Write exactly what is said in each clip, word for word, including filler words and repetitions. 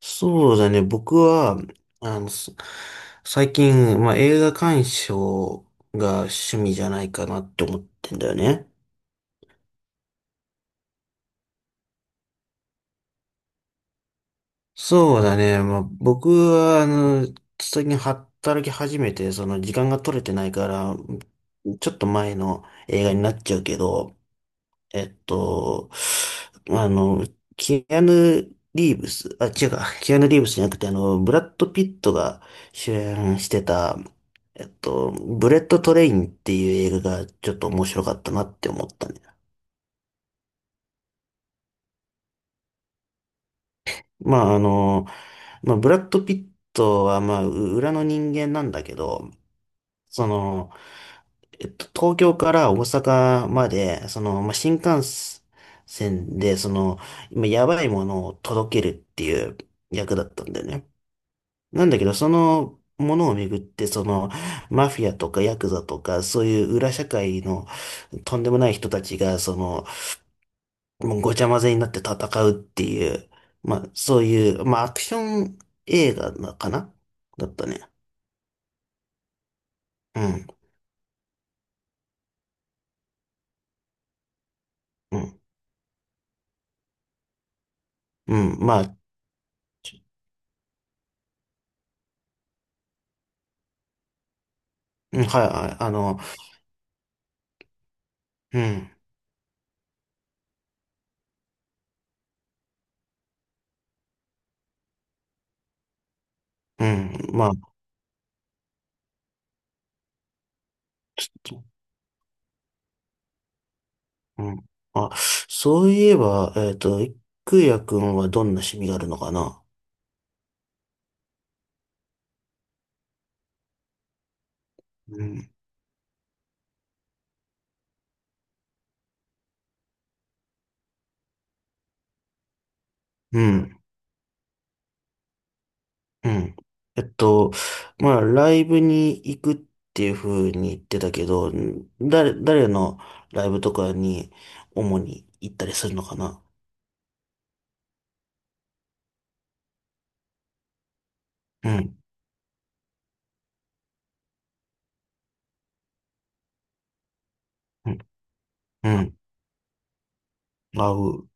そうだね。僕は、あの、す最近、まあ、映画鑑賞が趣味じゃないかなって思ってんだよね。そうだね。まあ、僕は、あの、最近働き始めて、その時間が取れてないから、ちょっと前の映画になっちゃうけど、えっと、あの、キアヌ・リーブス、あ、違うか、キアヌ・リーブスじゃなくて、あの、ブラッド・ピットが主演してた、えっと、ブレット・トレインっていう映画がちょっと面白かったなって思ったね。まあ、あの、まあ、ブラッド・ピットは、まあ、う裏の人間なんだけど、その、えっと、東京から大阪まで、その、まあ、新幹線で、その、今、やばいものを届けるっていう役だったんだよね。なんだけど、そのものをめぐって、その、マフィアとかヤクザとか、そういう裏社会のとんでもない人たちが、その、もうごちゃ混ぜになって戦うっていう、まあ、そういう、まあ、アクション映画なかなだったね。うん、うん、うん、まあ、ちうん、はい、はい、あの、うん。うん。まあ、ちょっと、うん。あ、そういえば、えっと、いくやくんはどんな趣味があるのかな？うん。うん。うん。えっと、まあ、ライブに行くっていうふうに言ってたけど、ん誰、誰のライブとかに主に行ったりするのかな？うん。うん。うん。あう。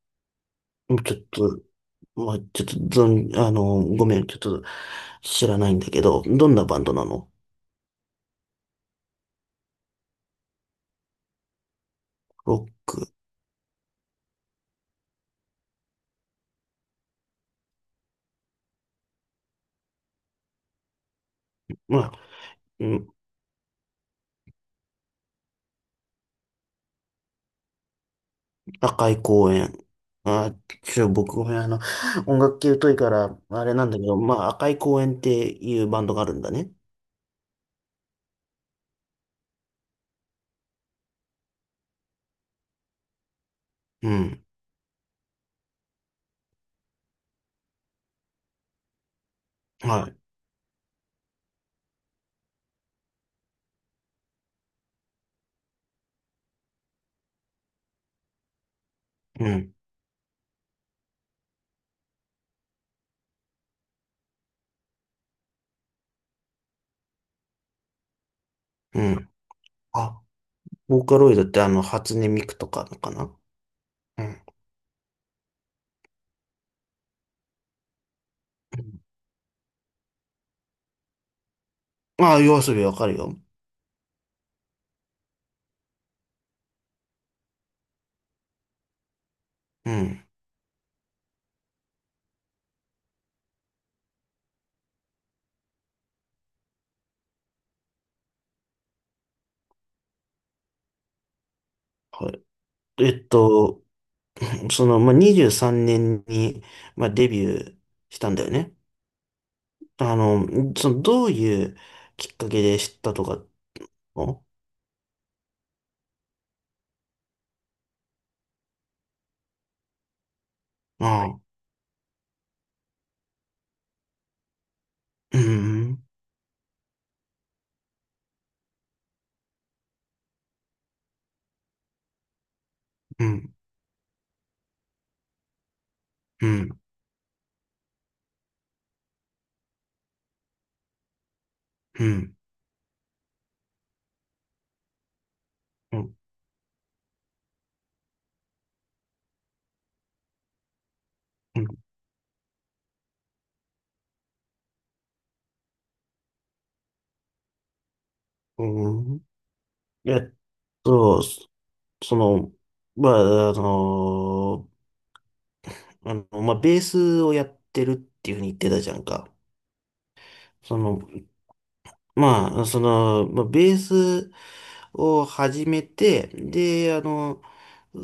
ちょっと、まあ、ちょっと、どん、あの、ごめん、ちょっと知らないんだけど、どんなバンドなの？ロック。まあ、うん、高い公園。まあ、ちょ、僕ごめん、あの、音楽系疎いから、あれなんだけど、まあ、赤い公園っていうバンドがあるんだね。うん。はい。うん。うん。あ、ボーカロイドってあの、初音ミクとかのかな？うん。ああ、夜遊びわかるよ。うん。はい。えっと、その、まあ、にじゅうさんねんに、まあ、デビューしたんだよね。あの、その、どういうきっかけで知ったとかの、ああ、うん、うん、うん、うん。うん、うん、うん、えっと、そその、まあ、あの、あの、まあ、ベースをやってるっていうふうに言ってたじゃんか。その、まあ、その、まあ、ベースを始めて、で、あの、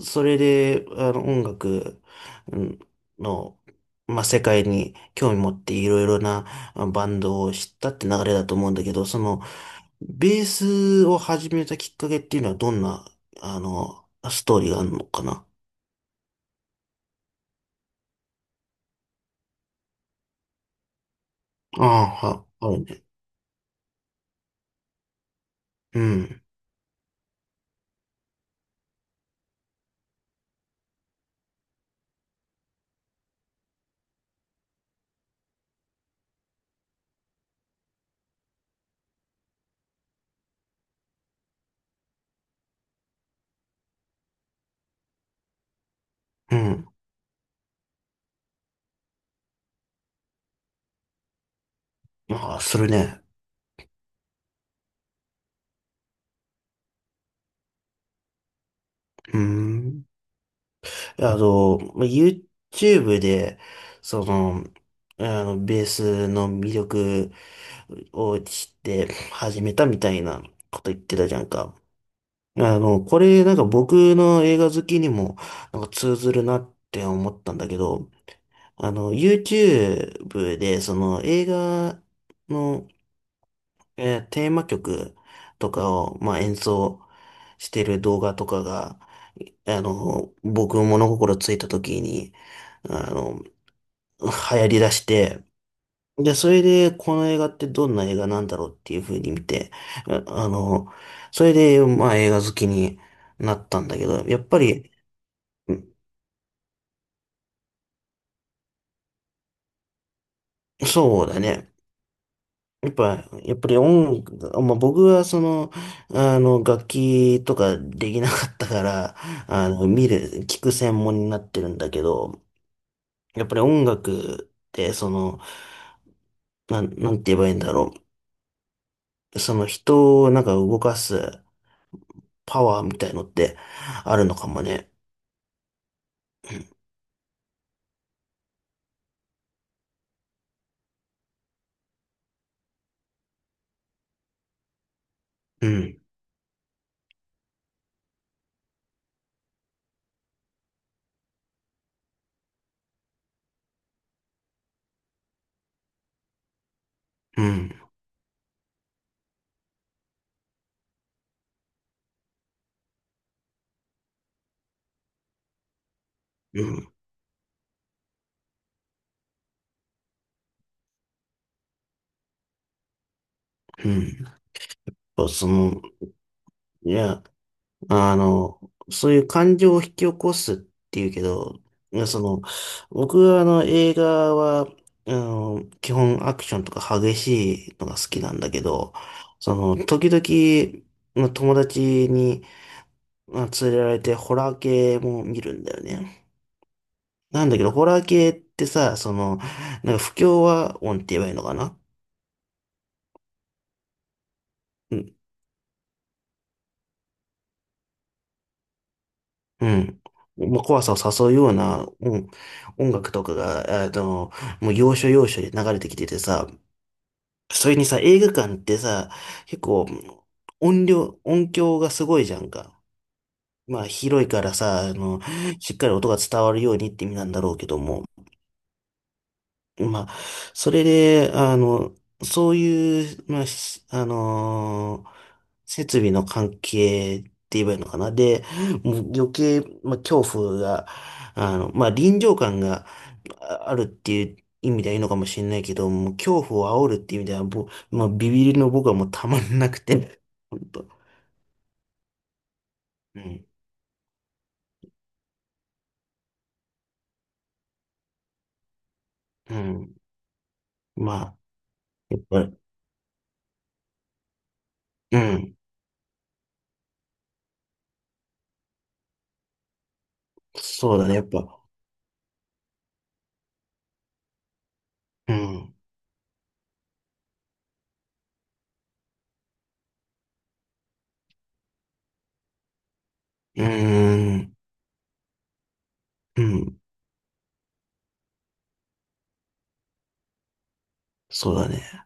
それで、あの、音楽、うん、の、まあ、世界に興味持っていろいろなあバンドを知ったって流れだと思うんだけど、その、ベースを始めたきっかけっていうのはどんな、あの、ストーリーがあるのかな？ああ、は、あるね。うん、うん。ああ、するね。うん。あの、まあ YouTube で、その、あの、ベースの魅力を知って始めたみたいなこと言ってたじゃんか。あの、これなんか僕の映画好きにもなんか通ずるなって思ったんだけど、あの、YouTube で、その映画の、えーテーマ曲とかを、まあ、演奏してる動画とかが、あの、僕物心ついた時に、あの、流行り出して、で、それで、この映画ってどんな映画なんだろうっていう風に見て、ああの、それで、まあ、映画好きになったんだけど、やっぱり、うん、そうだね。やっぱ、やっぱり音、まあ、僕はその、あの、楽器とかできなかったから、あの、見る、聞く専門になってるんだけど、やっぱり音楽って、その、なん、なんて言えばいいんだろう。その人をなんか動かすパワーみたいのってあるのかもね。うん、うん、うん、うん。そうその、いや、あの、そういう感情を引き起こすっていうけど、いやその、僕はあの映画は、あの、基本アクションとか激しいのが好きなんだけど、その、時々、まあ、友達に、まあ、連れられてホラー系も見るんだよね。なんだけど、ホラー系ってさ、その、なんか不協和音って言えばいいのかな？うん。まあ、怖さを誘うような、うん、音楽とかが、あの、もう要所要所で流れてきててさ、それにさ、映画館ってさ、結構音量、音響がすごいじゃんか。まあ広いからさ、あの、しっかり音が伝わるようにって意味なんだろうけども、まあ、それで、あの、そういう、まあ、しあのー設備の関係って言えばいいのかな。で、もう余計、まあ、恐怖が、あの、まあ、臨場感がああるっていう意味ではいいのかもしれないけど、もう恐怖を煽るっていう意味では、ぼ、まあ、ビビりの僕はもうたまんなくて、本当。うん、うん。まあ、やっぱり、うん。そうだね、やっぱ。うん、うーん、うん、そうだね。